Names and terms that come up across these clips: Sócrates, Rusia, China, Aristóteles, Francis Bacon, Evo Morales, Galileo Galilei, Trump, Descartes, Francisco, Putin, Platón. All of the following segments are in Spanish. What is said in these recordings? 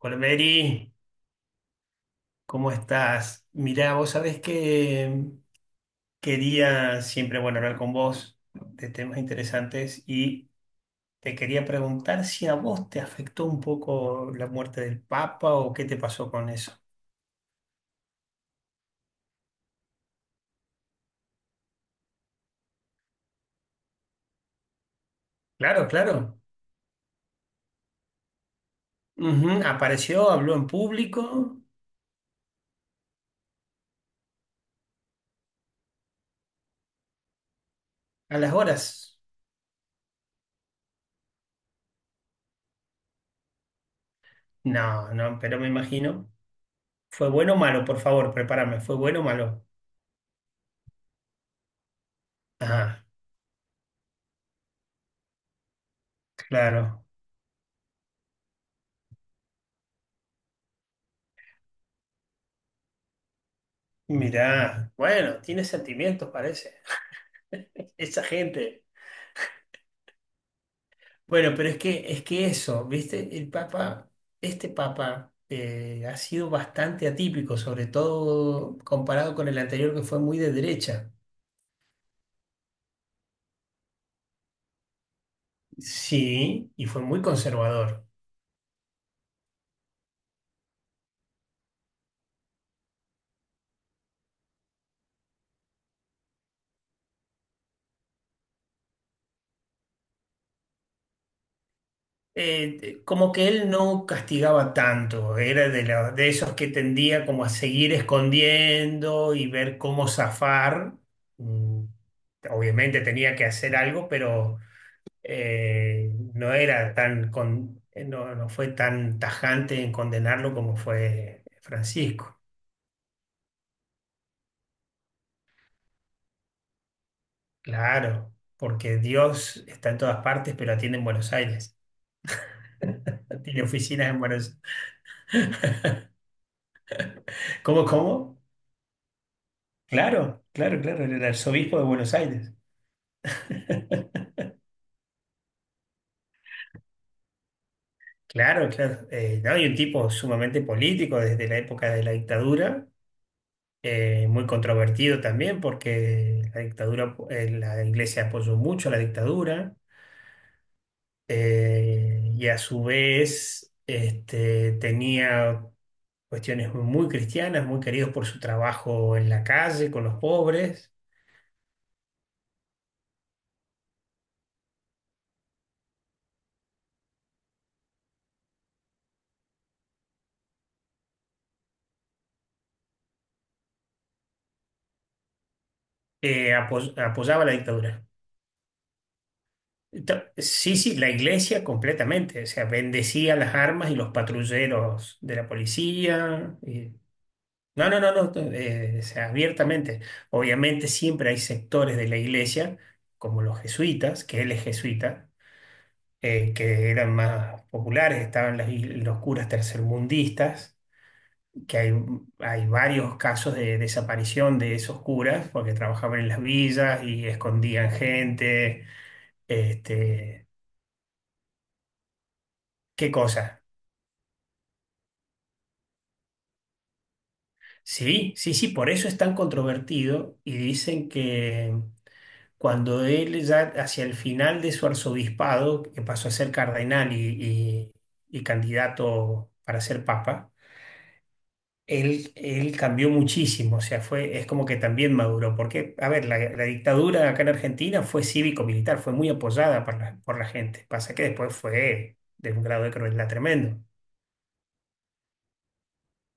Colmeri, ¿cómo estás? Mirá, vos sabés que quería siempre, bueno, hablar con vos de temas interesantes y te quería preguntar si a vos te afectó un poco la muerte del Papa o qué te pasó con eso. Claro, claro. Ujú. Apareció, habló en público a las horas. No, no, pero me imagino. ¿Fue bueno o malo? Por favor, prepárame. ¿Fue bueno o malo? Ah, claro. Mirá, bueno, tiene sentimientos, parece. Esa gente. Bueno, pero es que eso, ¿viste? El Papa, este Papa ha sido bastante atípico, sobre todo comparado con el anterior que fue muy de derecha. Sí, y fue muy conservador. Como que él no castigaba tanto, era de, de esos que tendía como a seguir escondiendo y ver cómo zafar. Mm. Obviamente tenía que hacer algo, pero no era tan no, no fue tan tajante en condenarlo como fue Francisco. Claro, porque Dios está en todas partes, pero atiende en Buenos Aires. Tiene oficinas en Buenos Aires. ¿Cómo, cómo? Claro, claro, claro, era el arzobispo de Buenos Aires. Claro, claro. No, y un tipo sumamente político desde la época de la dictadura, muy controvertido también, porque la dictadura, la iglesia apoyó mucho a la dictadura. Y a su vez este, tenía cuestiones muy cristianas, muy queridos por su trabajo en la calle con los pobres. Apoyaba la dictadura. Sí, sí, la iglesia completamente, o sea, bendecía las armas y los patrulleros de la policía. No, no, no, no, no, o sea, abiertamente. Obviamente siempre hay sectores de la iglesia, como los jesuitas, que él es jesuita, que eran más populares, estaban los curas tercermundistas, que hay varios casos de desaparición de esos curas porque trabajaban en las villas y escondían gente, este, qué cosa. Sí, sí, sí, por eso es tan controvertido y dicen que cuando él ya hacia el final de su arzobispado, que pasó a ser cardenal y y candidato para ser papa. Él cambió muchísimo, o sea, fue, es como que también maduró, porque, a ver, la dictadura acá en Argentina fue cívico-militar, fue muy apoyada por la gente. Pasa que después fue de un grado de crueldad tremendo.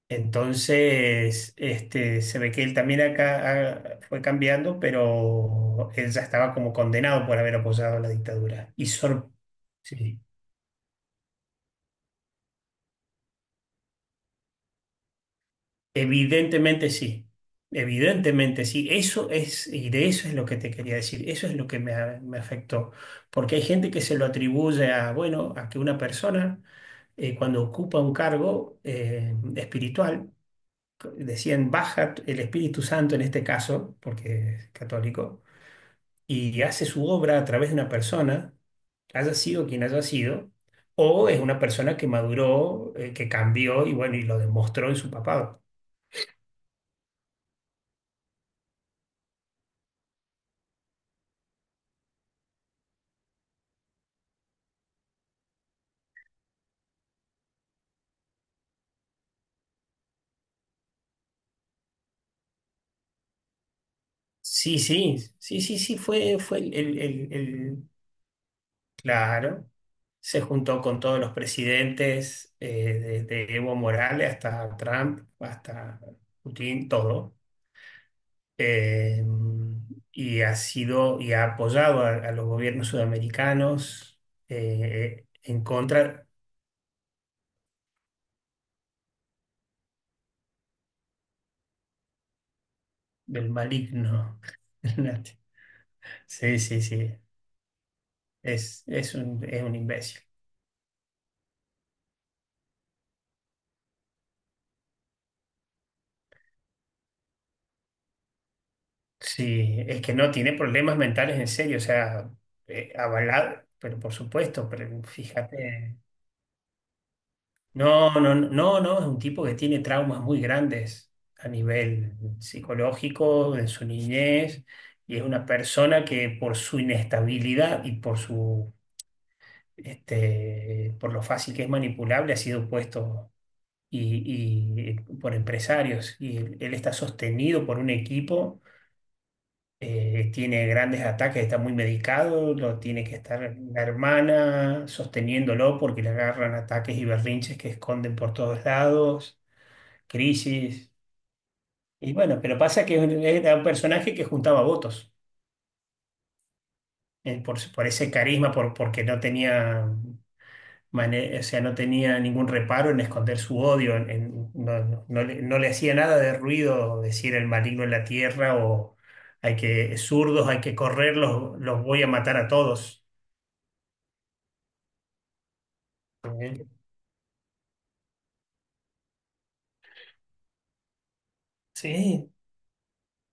Entonces, este, se ve que él también acá fue cambiando, pero él ya estaba como condenado por haber apoyado la dictadura. Sí. Evidentemente sí, evidentemente sí. Eso es, y de eso es lo que te quería decir, eso es lo que me afectó, porque hay gente que se lo atribuye a, bueno, a que una persona cuando ocupa un cargo espiritual, decían, baja el Espíritu Santo en este caso, porque es católico, y hace su obra a través de una persona, haya sido quien haya sido, o es una persona que maduró, que cambió y bueno, y lo demostró en su papado. Sí, sí, sí, sí, sí, fue, fue el, claro. Se juntó con todos los presidentes, desde Evo Morales hasta Trump, hasta Putin, todo. Eh, y ha sido y ha apoyado a los gobiernos sudamericanos, en contra del maligno. Sí, sí, sí. Es un imbécil. Sí, es que no, tiene problemas mentales en serio, o sea, avalado, pero por supuesto, pero fíjate, no, no, no, no, es un tipo que tiene traumas muy grandes a nivel psicológico, de su niñez, y es una persona que por su inestabilidad y por su, este, por lo fácil que es manipulable, ha sido puesto y por empresarios, y él está sostenido por un equipo. Tiene grandes ataques, está muy medicado, lo tiene que estar la hermana sosteniéndolo porque le agarran ataques y berrinches que esconden por todos lados, crisis. Y bueno, pero pasa que era un personaje que juntaba votos por ese carisma, por, porque no tenía, o sea, no tenía ningún reparo en esconder su odio, no, no le, no le hacía nada de ruido decir el maligno en la tierra o hay que, zurdos, hay que correr, los voy a matar a todos. Sí, sí.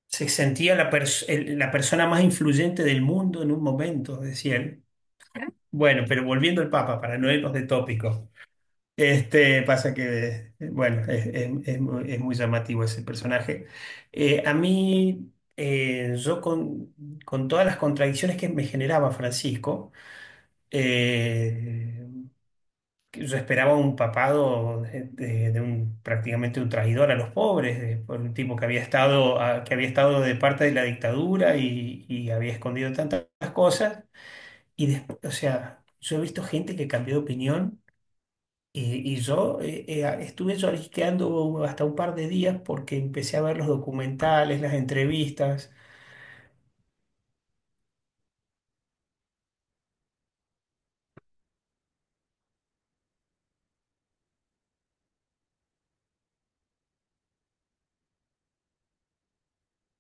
Se sentía la, la persona más influyente del mundo en un momento, decía él. Bueno, pero volviendo al Papa, para no irnos de tópico, este, pasa que, bueno, es, es muy llamativo ese personaje. A mí, yo con todas las contradicciones que me generaba Francisco, eh, que yo esperaba un papado de, de un prácticamente un traidor a los pobres, por un tipo que había estado, que había estado de parte de la dictadura y había escondido tantas cosas. Y después, o sea, yo he visto gente que cambió de opinión y yo estuve lloriqueando hasta un par de días porque empecé a ver los documentales, las entrevistas.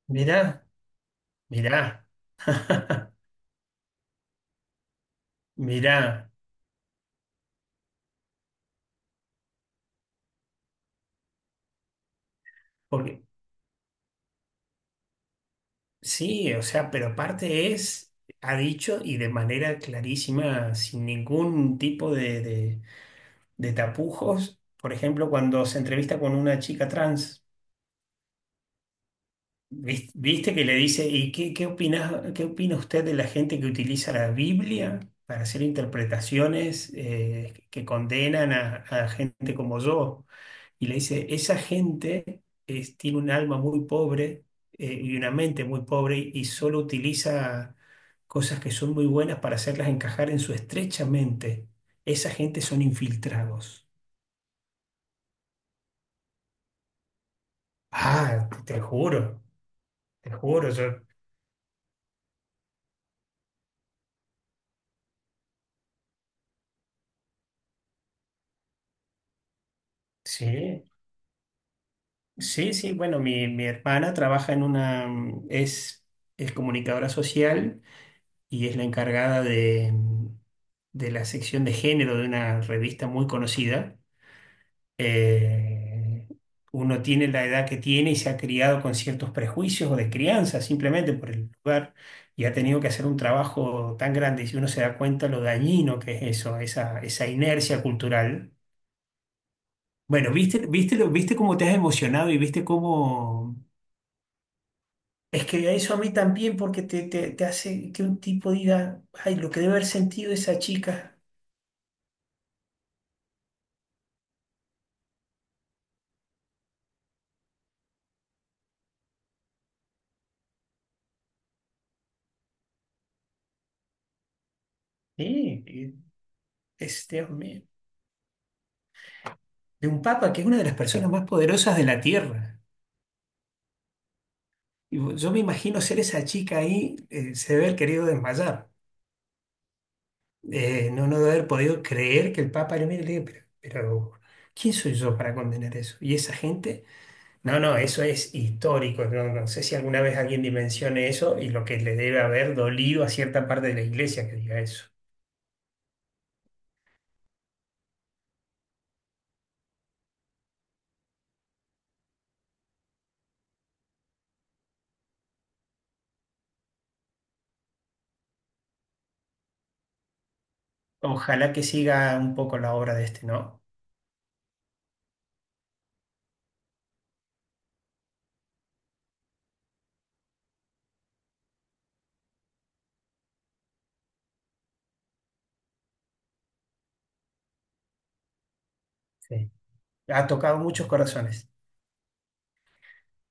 Mirá, mirá, mirá. Porque sí, o sea, pero aparte es, ha dicho y de manera clarísima, sin ningún tipo de, de tapujos, por ejemplo, cuando se entrevista con una chica trans, viste, que le dice, ¿y qué, qué opina usted de la gente que utiliza la Biblia para hacer interpretaciones que condenan a gente como yo? Y le dice, esa gente tiene un alma muy pobre y una mente muy pobre y solo utiliza cosas que son muy buenas para hacerlas encajar en su estrecha mente. Esa gente son infiltrados. Ah, te juro, sí, sí, sí, bueno, mi hermana trabaja en una, es comunicadora social y es la encargada de, de la sección de género de una revista muy conocida, eh, uno tiene la edad que tiene y se ha criado con ciertos prejuicios o de crianza simplemente por el lugar y ha tenido que hacer un trabajo tan grande y si uno se da cuenta lo dañino que es eso, esa inercia cultural. Bueno, viste, viste, viste cómo te has emocionado y viste cómo... Es que eso a mí también porque te hace que un tipo diga, ay, lo que debe haber sentido esa chica. Sí, es, Dios mío. De un papa que es una de las personas más poderosas de la tierra. Y yo me imagino ser esa chica ahí, se debe haber querido desmayar. No, no debe haber podido creer que el Papa le mire y le diga, pero, ¿quién soy yo para condenar eso? Y esa gente, no, no, eso es histórico. No, no sé si alguna vez alguien dimensione eso y lo que le debe haber dolido a cierta parte de la iglesia que diga eso. Ojalá que siga un poco la obra de este, ¿no? Sí. Ha tocado muchos corazones.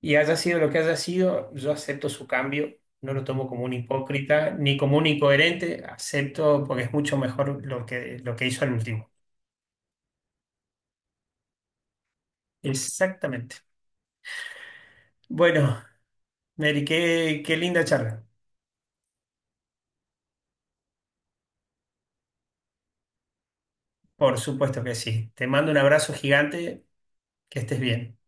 Y haya sido lo que haya sido, yo acepto su cambio, no lo tomo como un hipócrita ni como un incoherente, acepto porque es mucho mejor lo que hizo al último. Exactamente. Bueno, Mary, qué, qué linda charla. Por supuesto que sí. Te mando un abrazo gigante, que estés bien.